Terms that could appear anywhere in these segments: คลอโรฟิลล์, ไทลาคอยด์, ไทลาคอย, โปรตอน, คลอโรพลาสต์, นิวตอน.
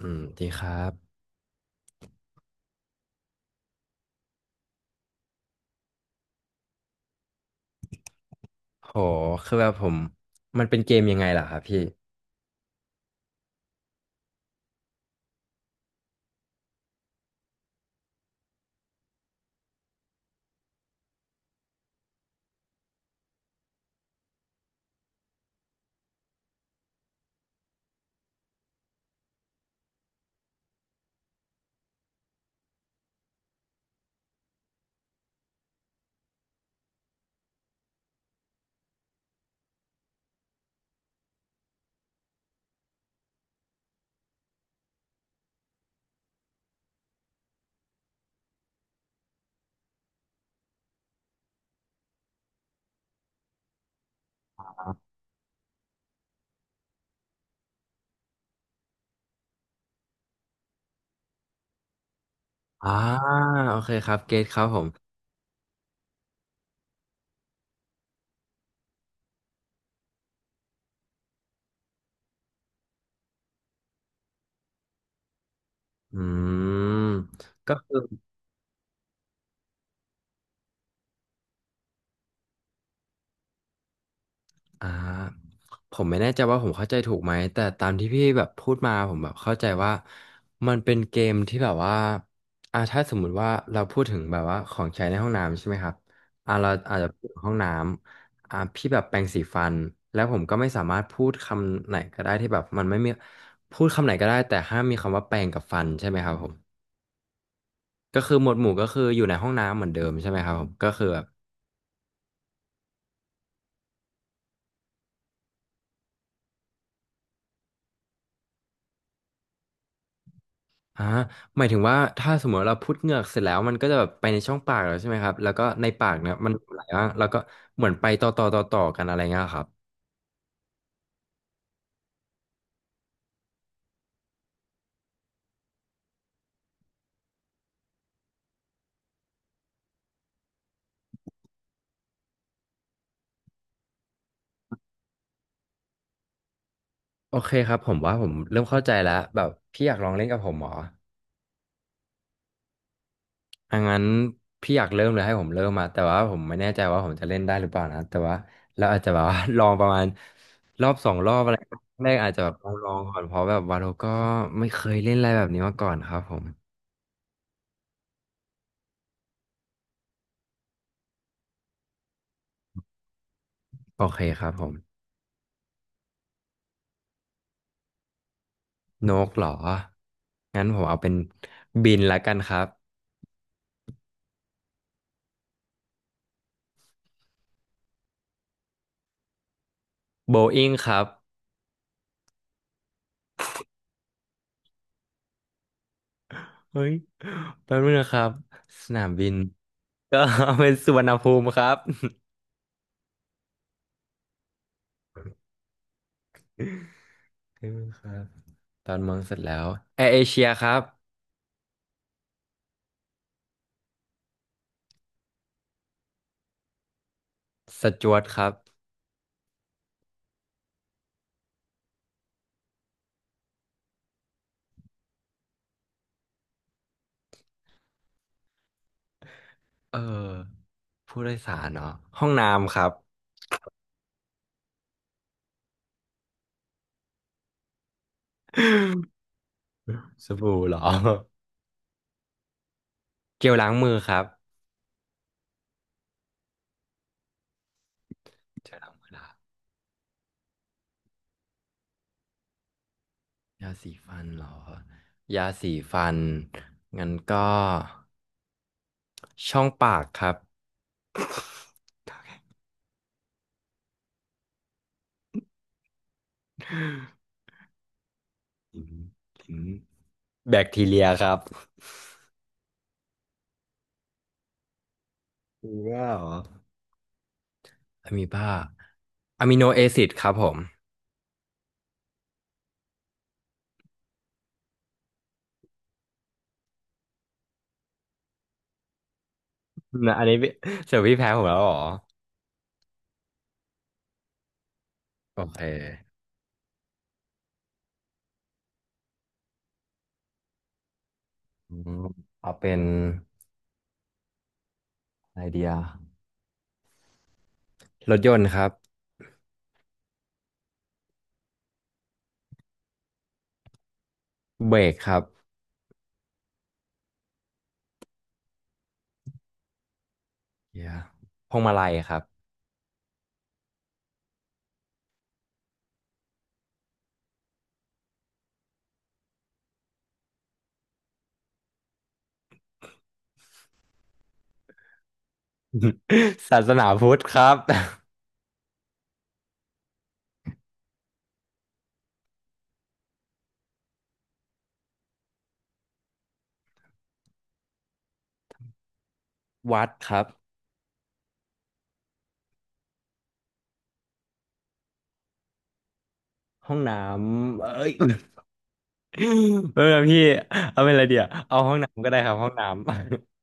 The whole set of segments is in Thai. อืมดีครับโหคือแบบผมมันเป็นเกมยังไงล่ะครับพี่อ่าโอเคครับเกตครับผมอืมก็คือ อ่าผมไม่แน่ใจว่าผมเข้าใจถูกไหมแต่ตามที่พี่แบบพูดมาผมแบบเข้าใจว่ามันเป็นเกมที่แบบว่าถ้าสมมุติว่าเราพูดถึงแบบว่าของใช้ในห้องน้ำใช่ไหมครับเราอาจจะพูดถึงห้องน้ำพี่แบบแปรงสีฟันแล้วผมก็ไม่สามารถพูดคำไหนก็ได้ที่แบบมันไม่มีพูดคำไหนก็ได้แต่ห้ามมีคำว่าแปรงกับฟันใช่ไหมครับผมก็คือหมวดหมู่ก็คืออยู่ในห้องน้ำเหมือนเดิมใช่ไหมครับผมก็คือแบบ อ่าหมายถึงว่าถ้าสมมติเราพุดเหงือกเสร็จแล้วมันก็จะแบบไปในช่องปากแล้วใช่ไหมครับแล้วก็ในปากเนี่ยมันไหลบ้างแล้วก็เหมือนไปต่อต่อต่อต่อกันอะไรเงี้ยครับโอเคครับผมว่าผมเริ่มเข้าใจแล้วแบบพี่อยากลองเล่นกับผมเหรออ่ะงั้นพี่อยากเริ่มเลยให้ผมเริ่มมาแต่ว่าผมไม่แน่ใจว่าผมจะเล่นได้หรือเปล่านะแต่ว่าเราอาจจะแบบว่า ลองประมาณรอบสองรอบอะไรแรกอาจจะแบบลองลองก่อนเพราะแบบว่าเราก็ไม่เคยเล่นอะไรแบบนี้มาก่อนครับผมโอเคครับผม นกเหรองั้นผมเอาเป็นบินละกันครับโบอิ้งครับเฮ้ยแป๊บนึงนะครับสนามบิน ก็เอาเป็นสุวรรณภูมิครับเออครับตอนเมืองเสร็จแล้วแอร์เอเชียครับสจ๊วตครับเออผู้โดยสารเนาะห้องน้ำครับ สบู่เหรอ เจลล้างมือครับเจลล้างมือละยาสีฟันเหรอยาสีฟันงั้นก็ช่องปากครับ อืมอืมแบคทีเรียครับมีบ้าเหรออะมีบ้าอะมิโนแอซิดครับผมนะอันนี้พี่เจอพี่แพ้ผมแล้วเหรอ โอเคอืมเอาเป็นไอเดีย รถยนต์ครับเบรกครับเดียพวงมาลัยครับ ศาสนาพุทธครับ วัดครับ ห้องน้ำเอ้ย เออพี่เอาเป็นอะไรเดียวเอาห้องน้ำก็ได้ครับห้องน้ำ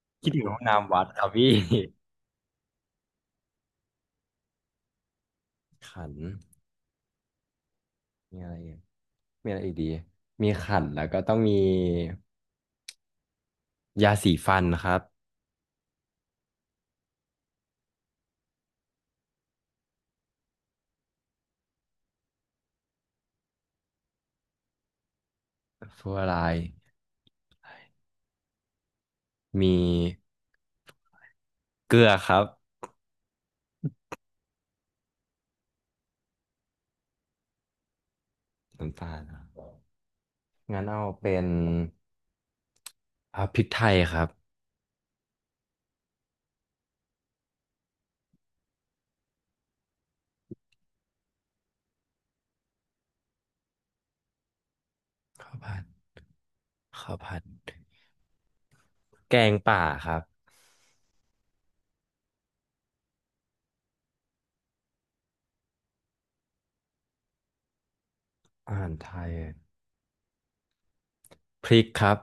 คิดถึงห้องน้ำวัดครับพี่ ขัน มีอะไรอีกมีอะไรอีกดีมีขันแล้วก็ต้องมียาสีฟันครับฟลูออไรด์มีเกลือครับน้ำตาลครับงั้นเอาเป็นพริกไทยครับข้าวผัดข้าวผัด แกงป่าครับอาหารไทยพริกครับ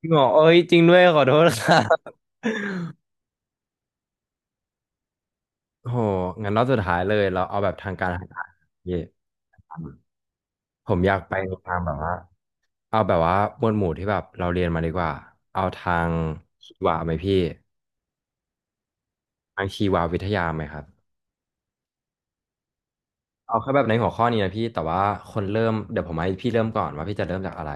พี่หมอเอ้ยจริงด้วยขอโทษครับ โอ้โหงั้นรอบสุดท้ายเลยเราเอาแบบทางการทางการเย่ผมอยากไปในทางแบบว่า เอาแบบว่าหมวดหมู่ที่แบบเราเรียนมาดีกว่า เอาทางชีวะไหมพี่ทางชีววิทยาไหมครับเอาแค่แบบในหัวข้อนี้นะพี่แต่ว่าคนเริ่มเดี๋ยวผมให้พี่เริ่มก่อนว่าพี่จะเริ่มจากอะไร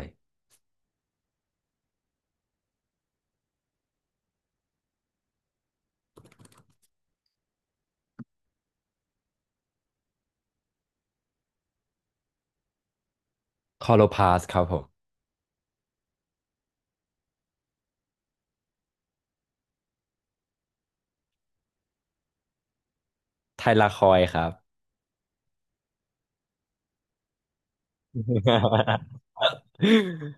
คอโลพาสครับผมไทลาคอยครับ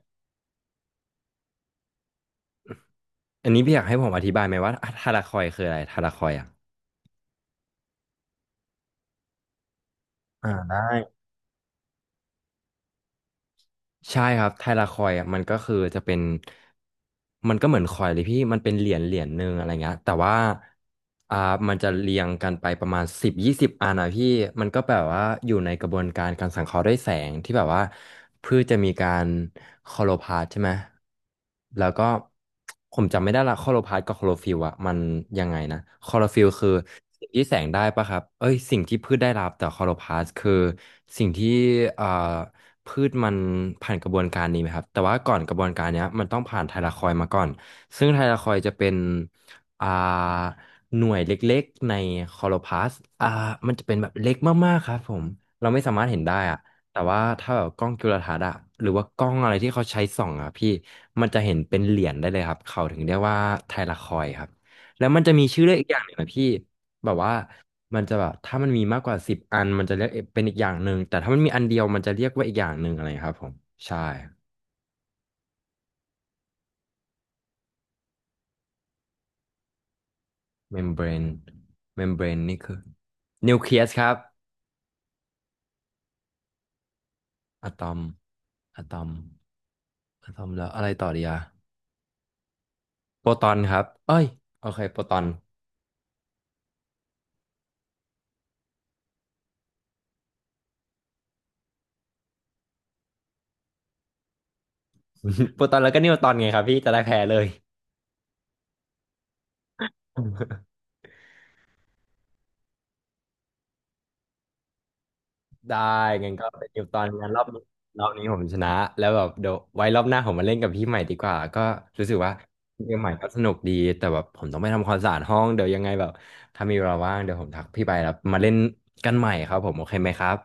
อันนี้พี่อยากให้ผมอธิบายไหมว่าไทาราคอยคืออะไรไทาราคอยอ่ะอ่าได้ ใช่ครับไทลาคอยอ่ะมันก็คือจะเป็นมันก็เหมือนคอยเลยพี่มันเป็นเหรียญเหรียญหนึ่งอะไรเงี้ยแต่ว่าอ่ามันจะเรียงกันไปประมาณสิบ20อันนะพี่มันก็แบบว่าอยู่ในกระบวนการการสังเคราะห์ด้วยแสงที่แบบว่าพืชจะมีการคลอโรพลาสต์ใช่ไหมแล้วก็ผมจำไม่ได้ละคลอโรพลาสต์กับคลอโรฟิลล์อ่ะมันยังไงนะคลอโรฟิลล์คือสิ่งที่แสงได้ปะครับเอ้ยสิ่งที่พืชได้รับแต่คลอโรพลาสต์คือสิ่งที่อ่า พืชมันผ่านกระบวนการนี้ไหมครับแต่ว่าก่อนกระบวนการเนี้ยมันต้องผ่านไทลาคอยด์มาก่อนซึ่งไทลาคอยด์จะเป็นอ่าหน่วยเล็กๆในคลอโรพลาสต์อ่ามันจะเป็นแบบเล็กมากๆครับผมเราไม่สามารถเห็นได้อะแต่ว่าถ้าแบบกล้องจุลทรรศน์อะหรือว่ากล้องอะไรที่เขาใช้ส่องอะพี่มันจะเห็นเป็นเหรียญได้เลยครับเขาถึงเรียกว่าไทลาคอยด์ครับแล้วมันจะมีชื่อเรียกอีกอย่างหนึ่งนะพี่ แบบว่ามันจะแบบถ้ามันมีมากกว่าสิบอันมันจะเรียกเป็นอีกอย่างหนึ่งแต่ถ้ามันมีอันเดียวมันจะเรียกว่าอีกอย่างหนึ่งอะไรครับผมใช่เมมเบรนเมมเบรนนี่คือนิวเคลียสครับอะตอมอะตอมอะตอมแล้วอะไรต่อดีอะโปรตอนครับเอ้ยโอเคโปรตอน โปรตอนแล้วก็นิวตอนไงครับพี่จะได้แพ้เลย ได้งั้นก็เป็นนิวตอนงั้นรอบนี้รอบนี้ผมชนะแล้วแบบเดี๋ยวไว้รอบหน้าผมมาเล่นกับพี่ใหม่ดีกว่าก็รู้สึกว่าเกมใหม่ก็สนุกดีแต่แบบผมต้องไปทำความสะอาดห้องเดี๋ยวยังไงแบบถ้ามีเวลาว่างเดี๋ยวผมทักพี่ไปแล้วมาเล่นกันใหม่ครับผมโอเคไหมครับ